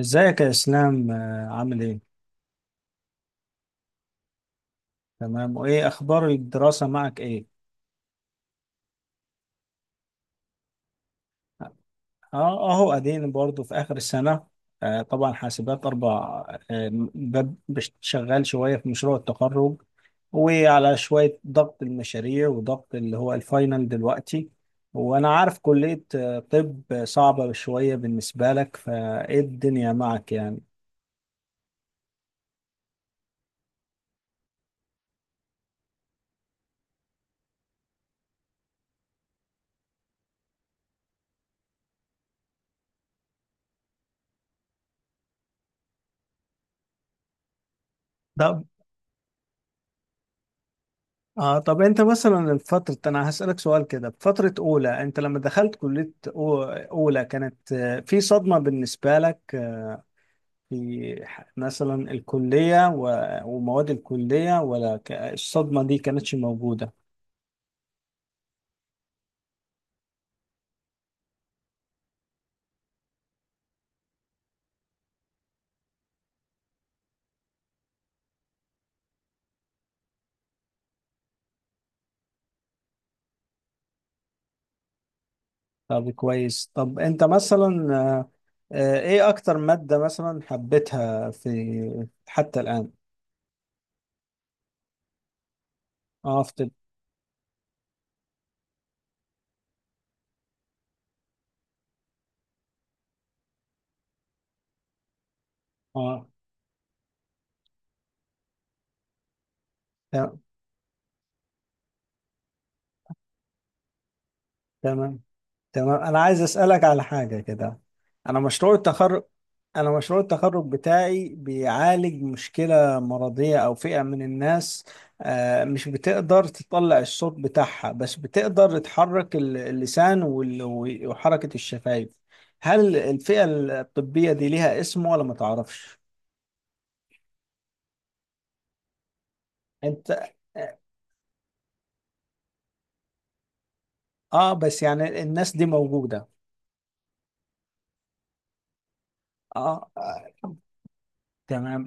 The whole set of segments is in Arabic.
ازيك يا اسلام، عامل ايه؟ تمام. وايه اخبار الدراسة معك ايه؟ اه، اهو ادين برضو في اخر السنة. آه طبعا، حاسبات اربع. آه شغال شوية في مشروع التخرج، وعلى شوية ضغط المشاريع وضغط اللي هو الفاينل دلوقتي. وانا عارف كلية طب صعبة شوية بالنسبة لك، فايه الدنيا معك يعني؟ اه، طب انت مثلا فترة، انا هسألك سؤال كده. بفترة اولى انت لما دخلت كلية اولى، كانت في صدمة بالنسبة لك؟ مثلا الكلية و- ومواد الكلية، ولا الصدمة دي كانتش موجودة؟ طب كويس. طب انت مثلا ايه اكتر مادة مثلا حبيتها في حتى الآن؟ اه، في طب. اه. ت- تمام. تمام، انا عايز اسالك على حاجه كده. انا مشروع التخرج انا مشروع التخرج بتاعي بيعالج مشكله مرضيه، او فئه من الناس. مش بتقدر تطلع الصوت بتاعها، بس بتقدر تحرك اللسان وحركه الشفايف. هل الفئه الطبيه دي ليها اسم، ولا ما تعرفش؟ انت اه، بس يعني الناس دي موجوده. اه. تمام.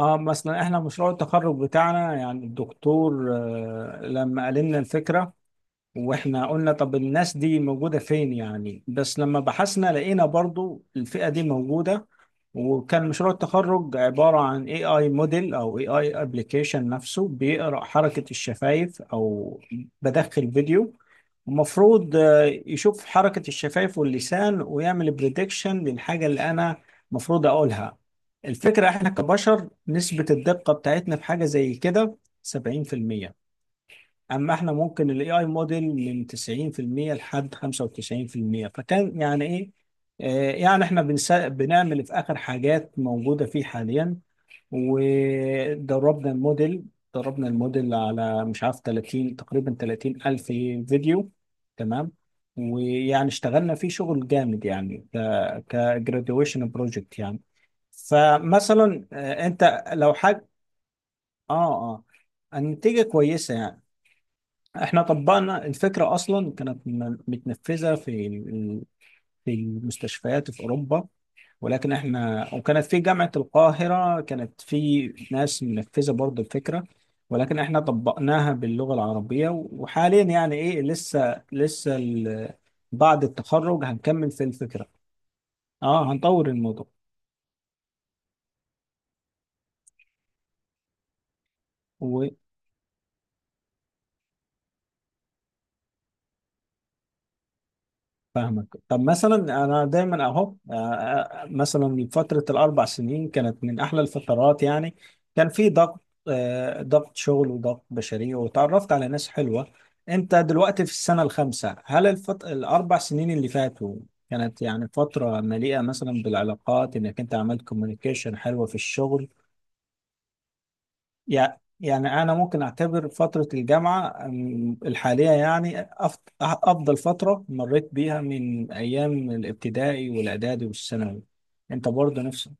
اه، مثلا احنا مشروع التخرج بتاعنا يعني الدكتور لما قال لنا الفكره، واحنا قلنا طب الناس دي موجودة فين يعني، بس لما بحثنا لقينا برضو الفئة دي موجودة. وكان مشروع التخرج عبارة عن AI موديل أو AI ابلكيشن، نفسه بيقرأ حركة الشفايف، أو بدخل فيديو. المفروض يشوف حركة الشفايف واللسان، ويعمل بريدكشن للحاجة اللي أنا مفروض أقولها. الفكرة إحنا كبشر، نسبة الدقة بتاعتنا في حاجة زي كده 70%. اما احنا ممكن الاي اي موديل من 90% لحد 95%، فكان يعني ايه. يعني احنا بنعمل في اخر حاجات موجوده فيه حاليا، ودربنا الموديل دربنا الموديل على، مش عارف، 30 تقريبا 30 الف فيديو. تمام. ويعني اشتغلنا فيه شغل جامد يعني كجراديويشن بروجكت يعني. فمثلا، انت لو حاجه. اه، اه، النتيجه كويسه يعني. احنا طبقنا الفكرة، اصلا كانت متنفذة في المستشفيات في اوروبا. ولكن احنا، وكانت في جامعة القاهرة كانت في ناس منفذة برضه الفكرة، ولكن احنا طبقناها باللغة العربية، وحاليا يعني ايه لسه بعد التخرج هنكمل في الفكرة. اه، هنطور الموضوع. فاهمك. طب مثلا انا دايما اهو، مثلا فتره الاربع سنين كانت من احلى الفترات يعني. كان في ضغط، ضغط شغل وضغط بشري، وتعرفت على ناس حلوه. انت دلوقتي في السنه الخامسه، هل الاربع سنين اللي فاتوا كانت يعني فتره مليئه مثلا بالعلاقات، انك انت عملت كوميونيكيشن حلوه في الشغل؟ يعني أنا ممكن أعتبر فترة الجامعة الحالية، يعني أفضل فترة مريت بيها من أيام الابتدائي والإعدادي والثانوي. أنت برضه نفسك؟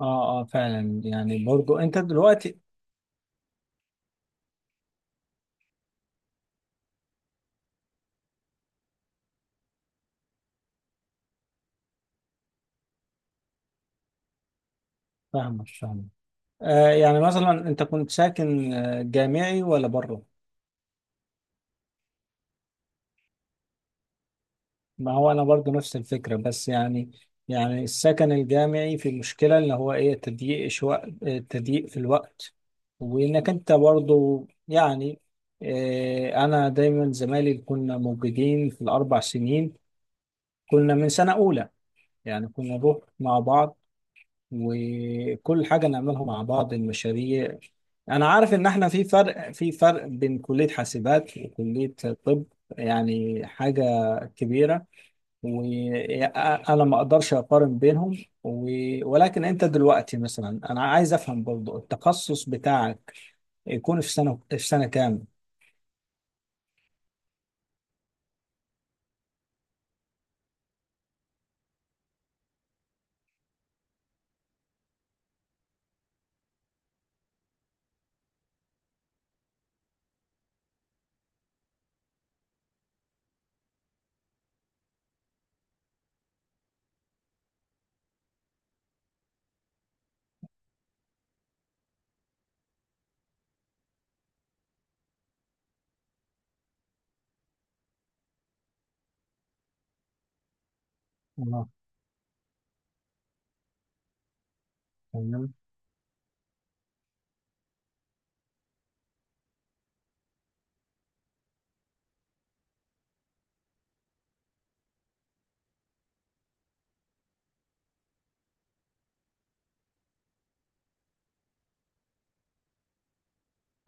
آه، آه، فعلا، يعني برضه أنت دلوقتي. فاهمك، فاهمك. يعني مثلا أنت كنت ساكن جامعي ولا بره؟ ما هو انا برضو نفس الفكره، بس يعني، يعني السكن الجامعي في مشكله اللي هو ايه، تضييق شوق، تضييق في الوقت، وانك انت برضو يعني، انا دايما زمايلي كنا موجودين في الاربع سنين. كنا من سنه اولى، يعني كنا نروح مع بعض، وكل حاجه نعملها مع بعض، المشاريع. انا عارف ان احنا في فرق بين كليه حاسبات وكليه طب، يعني حاجه كبيره، وانا ما اقدرش اقارن بينهم ولكن انت دلوقتي مثلا، انا عايز افهم برضو التخصص بتاعك يكون في سنة كام؟ اه. تمام.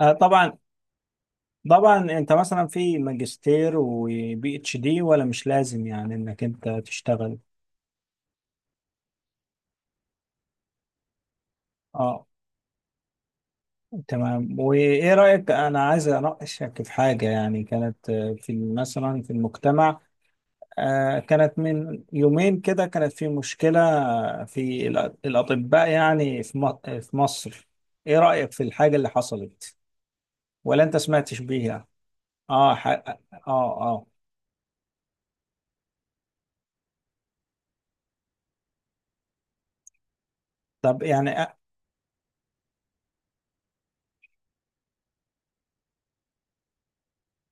آه طبعا، طبعا انت مثلا في ماجستير وبي اتش دي، ولا مش لازم يعني انك انت تشتغل؟ اه. تمام. وايه رأيك، انا عايز اناقشك في حاجة يعني كانت في مثلا في المجتمع، كانت من يومين كده كانت في مشكلة في الأطباء، يعني في مصر. إيه رأيك في الحاجة اللي حصلت، ولا أنت سمعتش بيها؟ آه. ح... آه آه طب يعني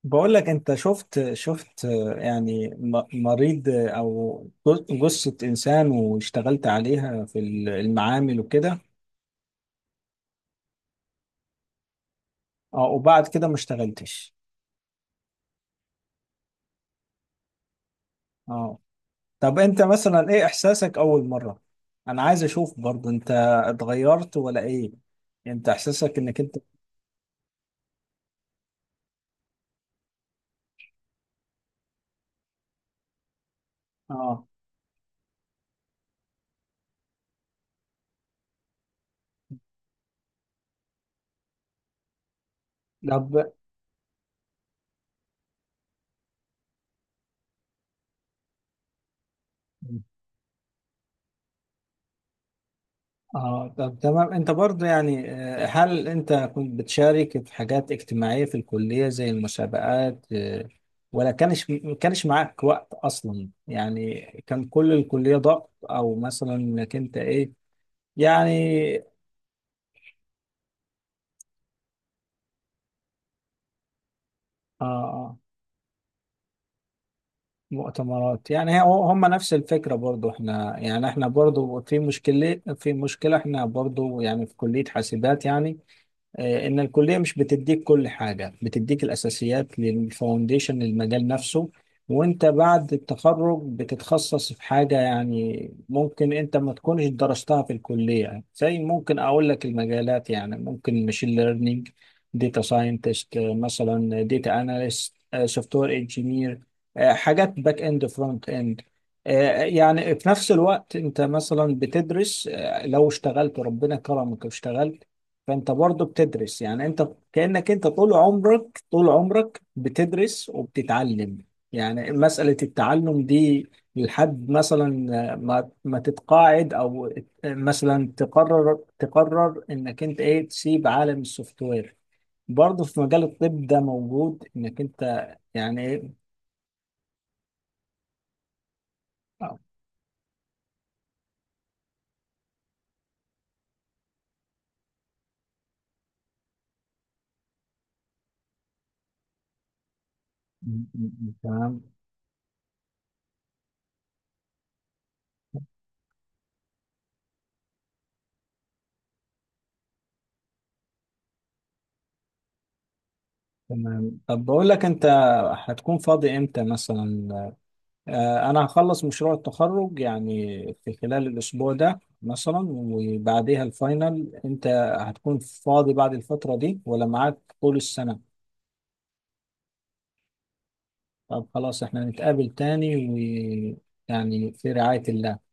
بقول لك، أنت شفت يعني مريض، أو جثة إنسان، واشتغلت عليها في المعامل وكده. آه، وبعد كده ما اشتغلتش. آه، طب انت مثلا ايه احساسك اول مرة؟ انا عايز اشوف برضو انت، اتغيرت ولا ايه؟ انت احساسك انك انت. اه. طب. اه. طب تمام. انت برضو يعني، هل انت كنت بتشارك في حاجات اجتماعية في الكلية زي المسابقات، ولا كانش معاك وقت اصلا يعني؟ كان كل الكلية ضغط، او مثلا انك انت ايه، يعني. اه، مؤتمرات يعني هم نفس الفكرة. برضو احنا يعني احنا برضو في مشكلة احنا برضو يعني في كلية حاسبات يعني، إن الكلية مش بتديك كل حاجة، بتديك الأساسيات للفاونديشن للمجال نفسه. وأنت بعد التخرج بتتخصص في حاجة يعني، ممكن أنت ما تكونش درستها في الكلية، زي ممكن أقول لك المجالات يعني، ممكن ماشين ليرنينج، داتا ساينتست، مثلا داتا أناليست، سوفت وير انجينير، حاجات باك إند فرونت إند. يعني في نفس الوقت انت مثلا بتدرس، لو اشتغلت ربنا كرمك واشتغلت، فانت برضه بتدرس يعني، انت كأنك انت طول عمرك طول عمرك بتدرس وبتتعلم، يعني مسألة التعلم دي لحد مثلا ما تتقاعد، او مثلا تقرر انك انت ايه تسيب عالم السوفت وير. برضه في مجال الطب ده موجود، انك انت يعني ايه. آه، تمام. تمام، طب بقول لك انت، هتكون فاضي امتى مثلا؟ أنا هخلص مشروع التخرج يعني في خلال الأسبوع ده مثلا، وبعديها الفاينل. أنت هتكون فاضي بعد الفترة دي ولا معاك طول السنة؟ طب خلاص، إحنا نتقابل تاني، ويعني في رعاية الله.